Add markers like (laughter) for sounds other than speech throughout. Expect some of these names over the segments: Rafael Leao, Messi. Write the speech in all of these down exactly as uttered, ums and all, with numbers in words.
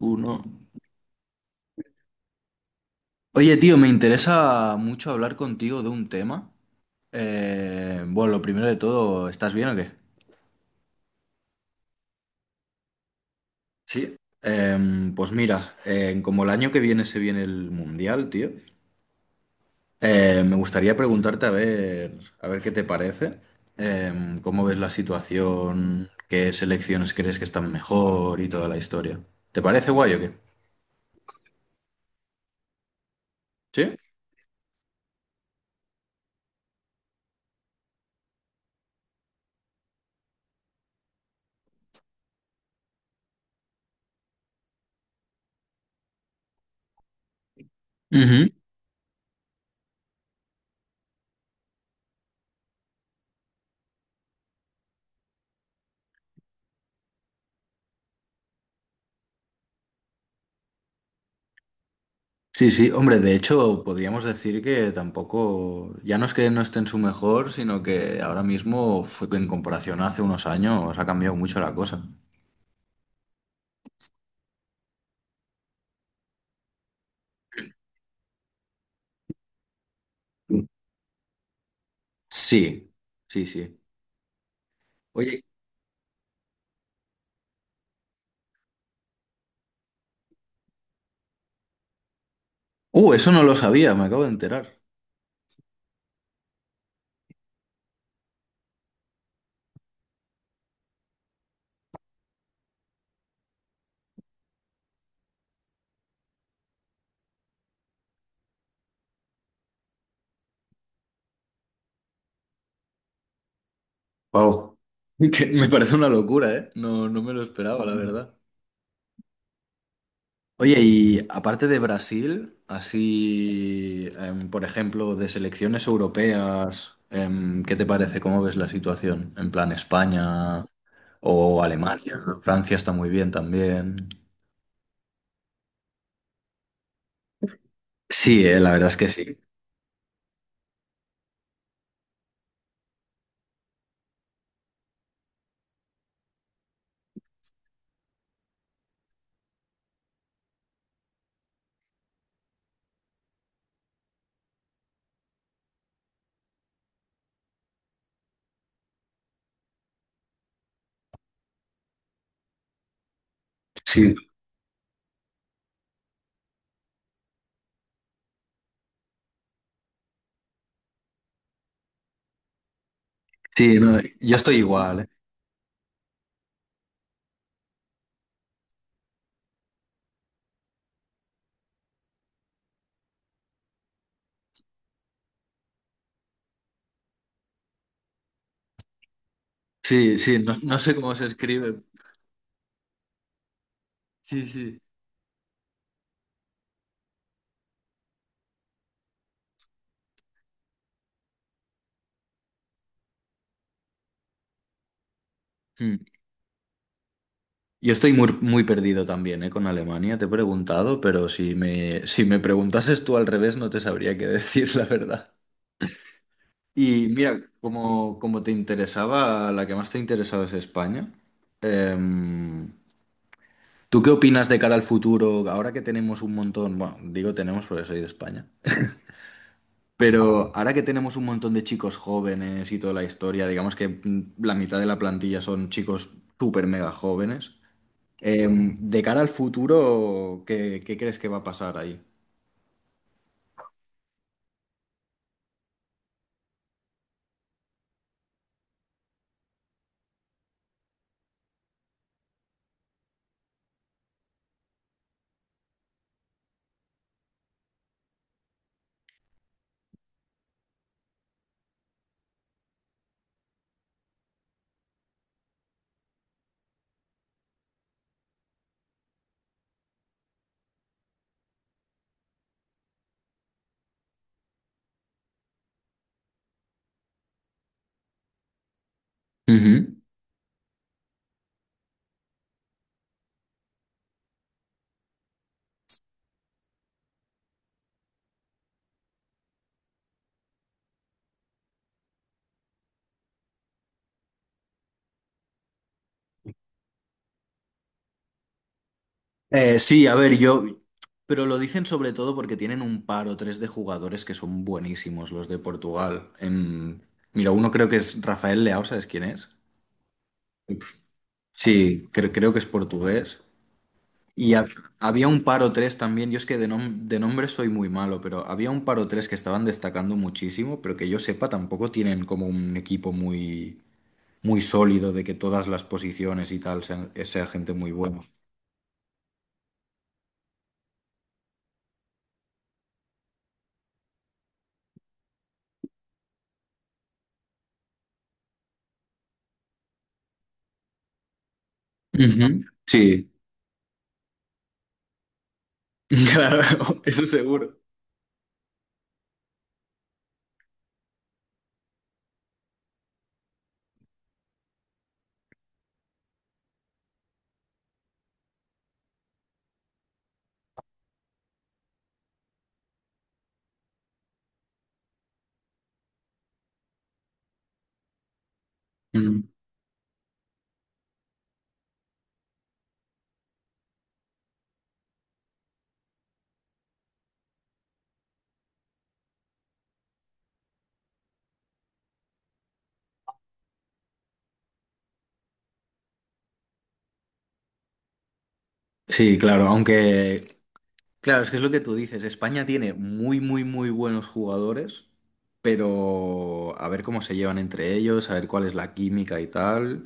Uno. Oye, tío, me interesa mucho hablar contigo de un tema. Eh, bueno, lo primero de todo, ¿estás bien o qué? Sí. Em, pues mira, em, como el año que viene se viene el Mundial, tío, eh, me gustaría preguntarte a ver, a ver qué te parece. Em, ¿cómo ves la situación? ¿Qué selecciones crees que están mejor y toda la historia? ¿Te parece guay o qué? ¿Sí? Sí, sí, hombre, de hecho podríamos decir que tampoco, ya no es que no esté en su mejor, sino que ahora mismo fue que en comparación a hace unos años ha cambiado mucho la cosa. Sí, sí, sí. Oye, uh, eso no lo sabía, me acabo de enterar. Wow. (laughs) Que me parece una locura, ¿eh? No, no me lo esperaba, la verdad. Oye, y aparte de Brasil, así, em, por ejemplo, de selecciones europeas, em, ¿qué te parece? ¿Cómo ves la situación? En plan España. O Alemania, ¿no? Francia está muy bien también. Sí, eh, la verdad es que sí. Sí, sí, no, yo estoy igual. eh. Sí, sí, no, no sé cómo se escribe. Sí, sí. Hmm. Yo estoy muy, muy perdido también, eh, con Alemania, te he preguntado, pero si me, si me preguntases tú al revés no te sabría qué (laughs) decir, la verdad. Y mira, como, como te interesaba, la que más te interesaba es España. em, ¿Tú qué opinas de cara al futuro? Ahora que tenemos un montón, bueno, digo tenemos porque soy de España. Pero ahora que tenemos un montón de chicos jóvenes y toda la historia, digamos que mm, la mitad de la plantilla son chicos súper mega jóvenes, em, de cara al futuro, ¿qué, qué crees que va a pasar ahí? Ujú. Eh, sí, a ver, yo... Pero lo dicen sobre todo porque tienen un par o tres de jugadores que son buenísimos, los de Portugal. Em, mira, uno creo que es Rafael Leao, ¿sabes quién es? Sí, cre- creo que es portugués. Y ha- había un par o tres también, yo es que de, nom- de nombre soy muy malo, pero había un par o tres que estaban destacando muchísimo, pero que yo sepa tampoco tienen como un equipo muy, muy sólido de que todas las posiciones y tal sean, sea gente muy buena. Ujú, Sí, (laughs) claro, eso seguro. Mm. Sí, claro, aunque, claro, es que es lo que tú dices, España tiene muy, muy, muy buenos jugadores, pero a ver cómo se llevan entre ellos, a ver cuál es la química y tal.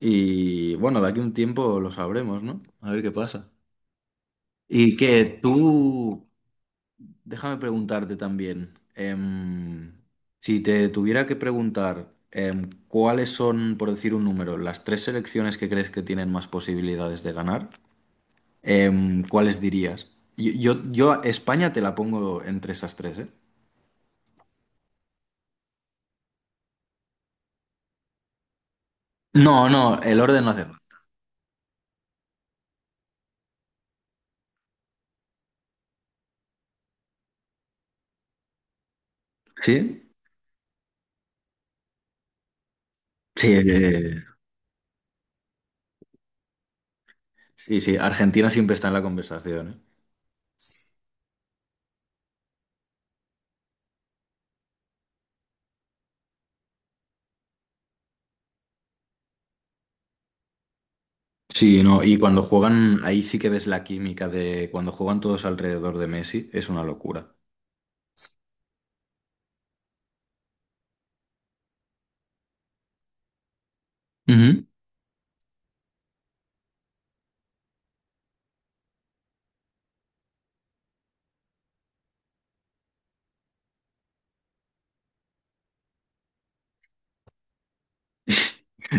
Y bueno, de aquí a un tiempo lo sabremos, ¿no? A ver qué pasa. Y que tú, déjame preguntarte también, em, si te tuviera que preguntar em, cuáles son, por decir un número, las tres selecciones que crees que tienen más posibilidades de ganar, em, ¿cuáles dirías? Yo, yo, yo a España te la pongo entre esas tres, ¿eh? No, no, el orden no hace falta. ¿Sí? Sí, eh, sí, sí, Argentina siempre está en la conversación, ¿eh? Sí, no, y cuando juegan, ahí sí que ves la química de cuando juegan todos alrededor de Messi, es una locura. Ujú.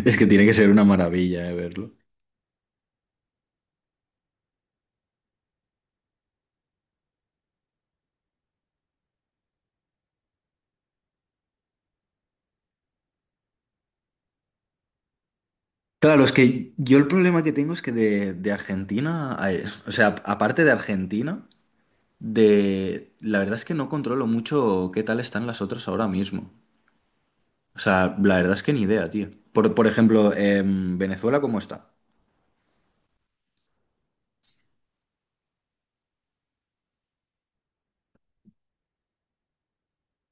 Es que tiene que ser una maravilla, eh, verlo. Claro, es que yo el problema que tengo es que de, de Argentina, ay, o sea, aparte de Argentina, de la verdad es que no controlo mucho qué tal están las otras ahora mismo. O sea, la verdad es que ni idea, tío. Por, por ejemplo, em, Venezuela, ¿cómo está?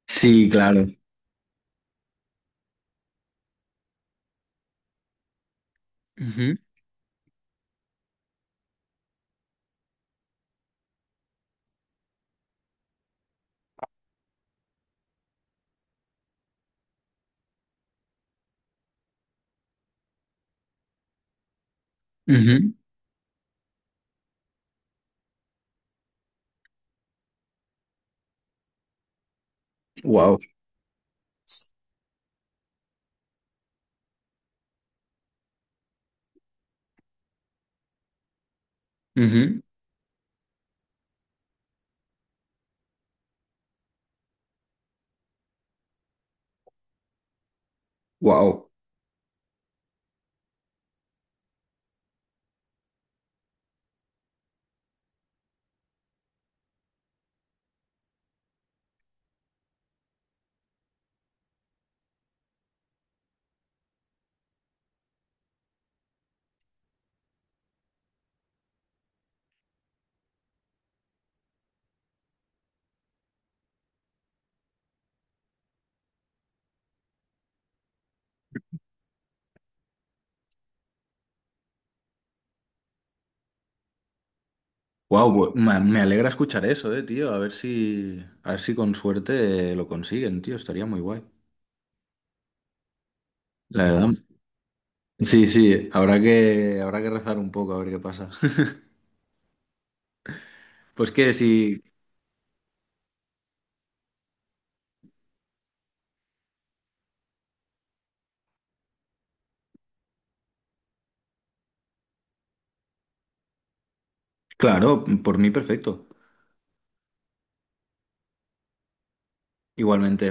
Sí, claro. Wow. Wow. Wow, me alegra escuchar eso, eh, tío. A ver si, a ver si con suerte eh, lo consiguen, tío. Estaría muy guay. La verdad. Sí, sí, habrá que, habrá que rezar un poco a ver qué pasa. (laughs) Pues que sí, claro, por mí perfecto. Igualmente.